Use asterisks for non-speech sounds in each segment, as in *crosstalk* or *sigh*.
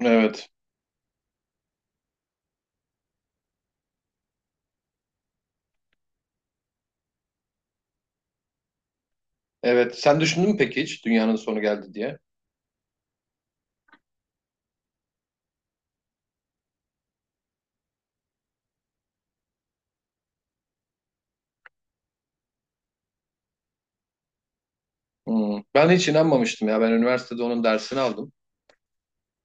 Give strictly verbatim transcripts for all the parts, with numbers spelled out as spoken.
Evet. Evet. Sen düşündün mü peki hiç dünyanın sonu geldi diye? Hmm. Ben hiç inanmamıştım ya. Ben üniversitede onun dersini aldım.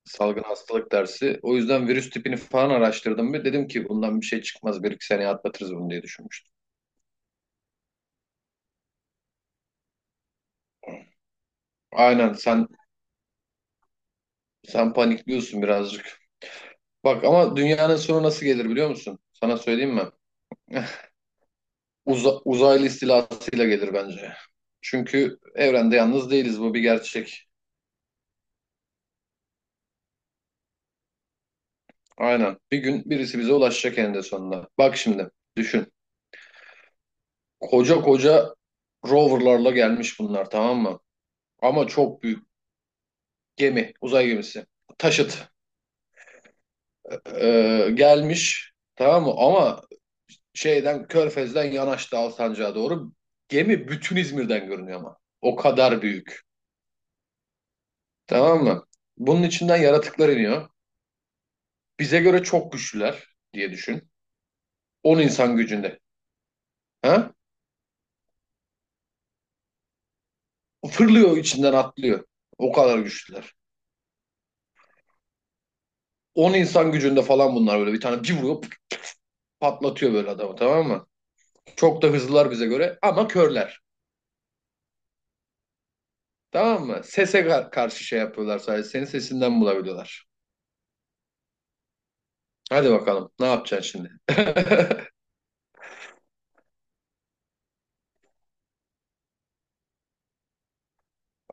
Salgın hastalık dersi. O yüzden virüs tipini falan araştırdım ve dedim ki bundan bir şey çıkmaz. Bir iki seneye atlatırız bunu diye düşünmüştüm. Aynen, sen sen panikliyorsun birazcık. Bak ama dünyanın sonu nasıl gelir biliyor musun? Sana söyleyeyim mi? *laughs* Uza- uzaylı istilasıyla gelir bence. Çünkü evrende yalnız değiliz, bu bir gerçek. Aynen. Bir gün birisi bize ulaşacak eninde sonunda. Bak şimdi düşün. Koca koca roverlarla gelmiş bunlar, tamam mı? Ama çok büyük gemi, uzay gemisi. Taşıt e, gelmiş, tamam mı? Ama şeyden Körfez'den yanaştı Alsancak'a doğru. Gemi bütün İzmir'den görünüyor ama. O kadar büyük. Tamam mı? Bunun içinden yaratıklar iniyor. Bize göre çok güçlüler diye düşün. On insan gücünde. Ha? Fırlıyor, içinden atlıyor. O kadar güçlüler. On insan gücünde falan bunlar, böyle bir tane bir vuruyor pıt, patlatıyor böyle adamı, tamam mı? Çok da hızlılar bize göre ama körler. Tamam mı? Sese ka- karşı şey yapıyorlar sadece. Senin sesinden bulabiliyorlar. Hadi bakalım. Ne yapacaksın şimdi? *laughs*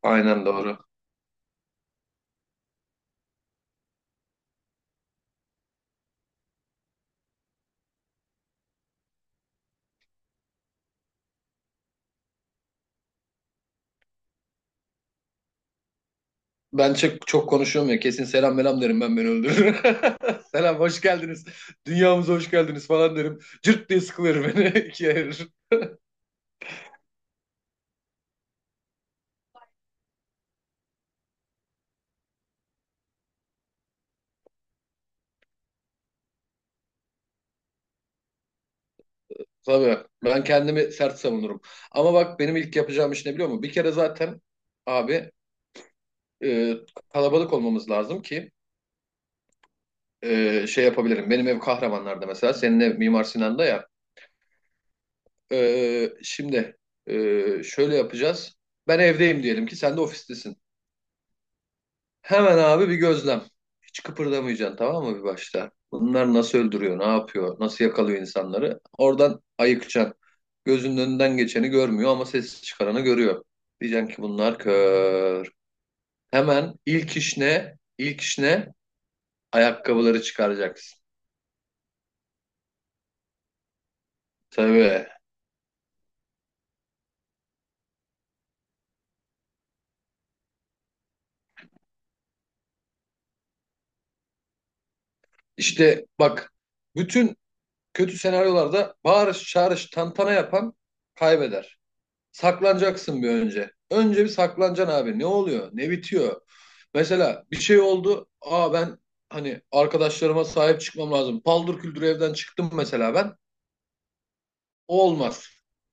Aynen doğru. Ben çok, çok konuşuyorum ya. Kesin selam melam derim, ben, beni öldürür. *laughs* Selam, hoş geldiniz. Dünyamıza hoş geldiniz falan derim. Cırt diye sıkılır beni *laughs* ikiye ayırır. Tabii, ben kendimi sert savunurum. Ama bak, benim ilk yapacağım iş ne biliyor musun? Bir kere zaten abi e, kalabalık olmamız lazım ki e, şey yapabilirim. Benim ev Kahramanlar'da mesela. Senin ev Mimar Sinan'da ya. E, şimdi e, şöyle yapacağız. Ben evdeyim diyelim ki, sen de ofistesin. Hemen abi bir gözlem. Hiç kıpırdamayacaksın, tamam mı, bir başta? Bunlar nasıl öldürüyor, ne yapıyor, nasıl yakalıyor insanları? Oradan ayıkacaksın. Gözünün önünden geçeni görmüyor ama ses çıkaranı görüyor. Diyeceksin ki bunlar kör. Hemen ilk iş ne? İlk iş ne? Ayakkabıları çıkaracaksın. Tabii. İşte bak, bütün kötü senaryolarda bağırış, çağırış, tantana yapan kaybeder. Saklanacaksın bir önce. Önce bir saklanacaksın abi. Ne oluyor? Ne bitiyor? Mesela bir şey oldu. Aa, ben hani arkadaşlarıma sahip çıkmam lazım. Paldır küldür evden çıktım mesela ben. O olmaz.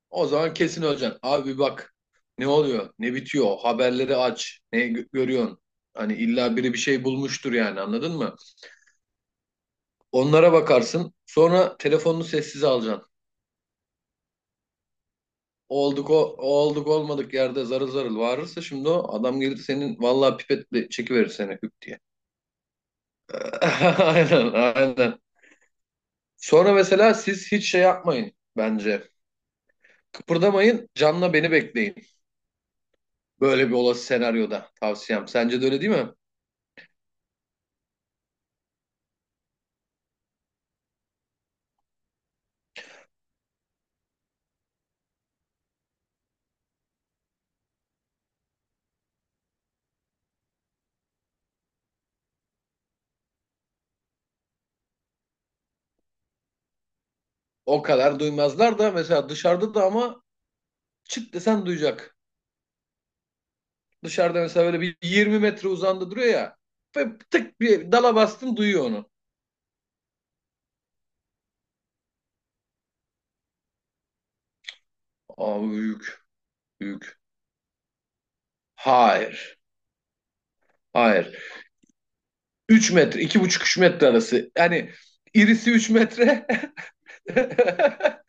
O zaman kesin öleceksin. Abi bak. Ne oluyor? Ne bitiyor? Haberleri aç. Ne gö- görüyorsun? Hani illa biri bir şey bulmuştur yani, anladın mı? Onlara bakarsın. Sonra telefonunu sessize alacaksın. Olduk o olduk olmadık yerde zarıl zarıl bağırırsa şimdi, o adam gelir senin, vallahi pipetle çekiverir seni hüp diye. *laughs* Aynen, aynen. Sonra mesela siz hiç şey yapmayın bence. Kıpırdamayın, canla beni bekleyin. Böyle bir olası senaryoda tavsiyem. Sence de öyle değil mi? O kadar duymazlar da, mesela dışarıda da ama çıt desen duyacak. Dışarıda mesela böyle bir yirmi metre uzandı duruyor ya. Ve tık, bir dala bastın, duyuyor onu. Abi büyük büyük. Hayır. Hayır. Üç metre, iki buçuk üç metre arası. Yani irisi üç metre. *laughs*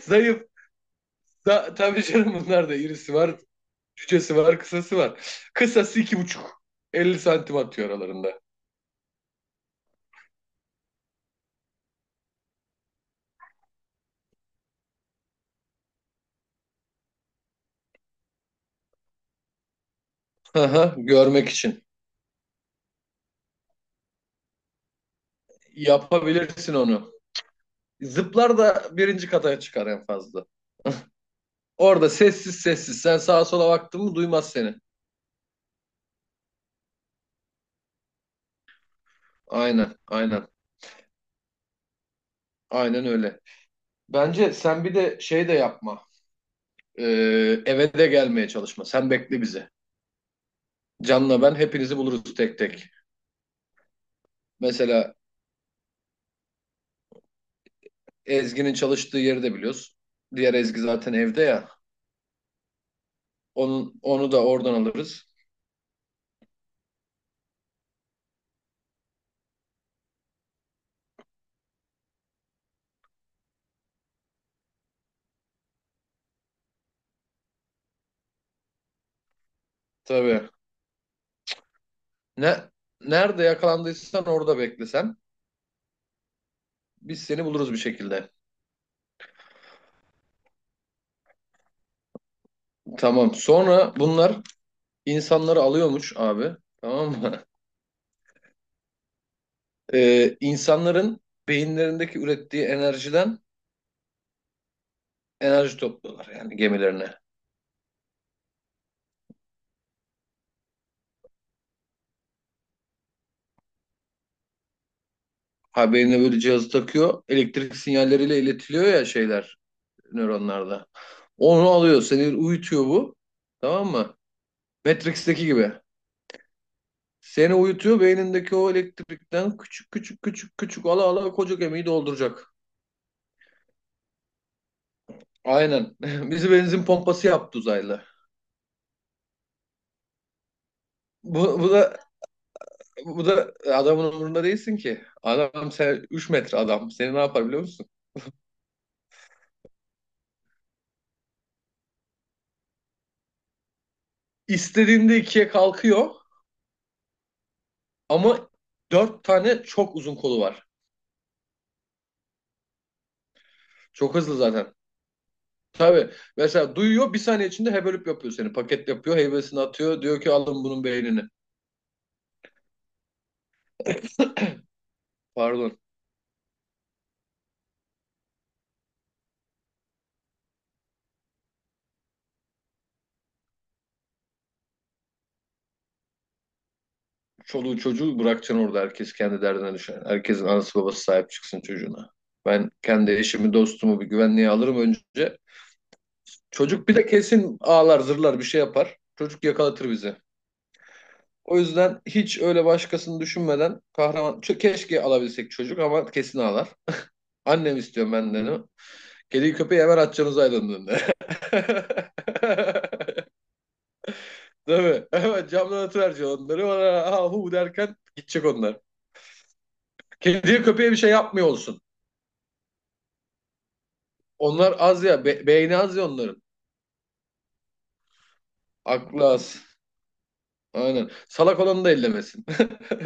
Zayıf. Da, tabii canım, bunlar da irisi var, cücesi var, kısası var. Kısası iki buçuk, elli santim atıyor aralarında. Aha, görmek için. Yapabilirsin onu. Zıplar da birinci kata çıkar en fazla. Orada sessiz sessiz. Sen sağa sola baktın mı duymaz seni. Aynen, aynen. Aynen öyle. Bence sen bir de şey de yapma. Ee, eve de gelmeye çalışma. Sen bekle bizi. Can'la ben hepinizi buluruz tek tek. Mesela Ezgi'nin çalıştığı yeri de biliyoruz. Diğer Ezgi zaten evde ya. Onun, onu da oradan alırız. Tabii. Ne, nerede yakalandıysan orada beklesen. Biz seni buluruz bir şekilde. Tamam. Sonra bunlar insanları alıyormuş abi. Tamam mı? *laughs* Ee, insanların beyinlerindeki ürettiği enerjiden enerji topluyorlar yani gemilerine. Ha, beynine böyle cihazı takıyor. Elektrik sinyalleriyle iletiliyor ya şeyler. Nöronlarda. Onu alıyor, seni uyutuyor bu. Tamam mı? Matrix'teki gibi. Seni uyutuyor, beynindeki o elektrikten küçük küçük küçük küçük ala ala koca gemiyi dolduracak. Aynen. *laughs* Bizi benzin pompası yaptı uzaylı. Bu, bu da bu da adamın umurunda değilsin ki. Adam sen üç metre adam. Seni ne yapar biliyor musun? İstediğinde ikiye kalkıyor ama dört tane çok uzun kolu var. Çok hızlı zaten. Tabii. Mesela duyuyor, bir saniye içinde hevelip yapıyor seni. Paket yapıyor, heybesini atıyor. Diyor ki alın bunun beynini. Pardon. Çoluğu çocuğu bırakacaksın orada. Herkes kendi derdine düşer. Herkesin anası babası sahip çıksın çocuğuna. Ben kendi eşimi, dostumu bir güvenliğe alırım önce. Çocuk bir de kesin ağlar, zırlar, bir şey yapar. Çocuk yakalatır bizi. O yüzden hiç öyle başkasını düşünmeden kahraman... Ç- Keşke alabilsek çocuk ama kesin ağlar. Annem istiyor benden o. Kediyi köpeği hemen atacağımız aydınlığında. *laughs* Tabii. *laughs* Evet, camdan atıverecek onları. Ona ha hu derken gidecek onlar. Kediye köpeğe bir şey yapmıyor olsun. Onlar az ya. be- beyni az ya onların. Aklı az. Aynen. Salak olanı da ellemesin.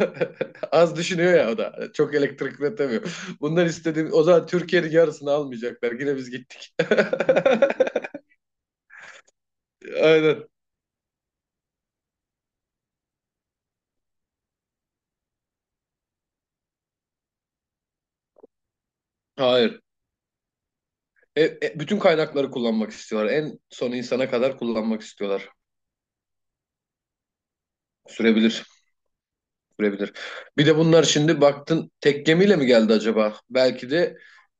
*laughs* Az düşünüyor ya o da. Çok elektrik üretemiyor. Bunlar istediğim... O zaman Türkiye'nin yarısını almayacaklar. Yine biz gittik. *laughs* Aynen. Hayır. E- e, bütün kaynakları kullanmak istiyorlar. En son insana kadar kullanmak istiyorlar. Sürebilir. Sürebilir. Bir de bunlar şimdi baktın tek gemiyle mi geldi acaba? Belki de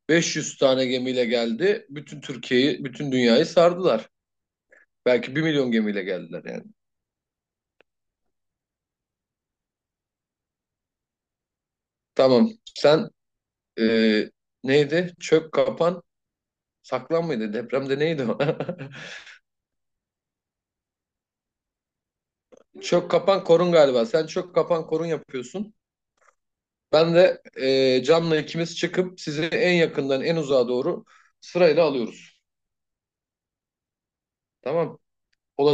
beş yüz tane gemiyle geldi. Bütün Türkiye'yi, bütün dünyayı sardılar. Belki bir milyon gemiyle geldiler yani. Tamam. Sen e, neydi? Çök kapan saklan mıydı? Depremde neydi o? *laughs* Çök kapan korun galiba. Sen çök kapan korun yapıyorsun. Ben de e, Can'la ikimiz çıkıp sizi en yakından en uzağa doğru sırayla alıyoruz. Tamam. Olası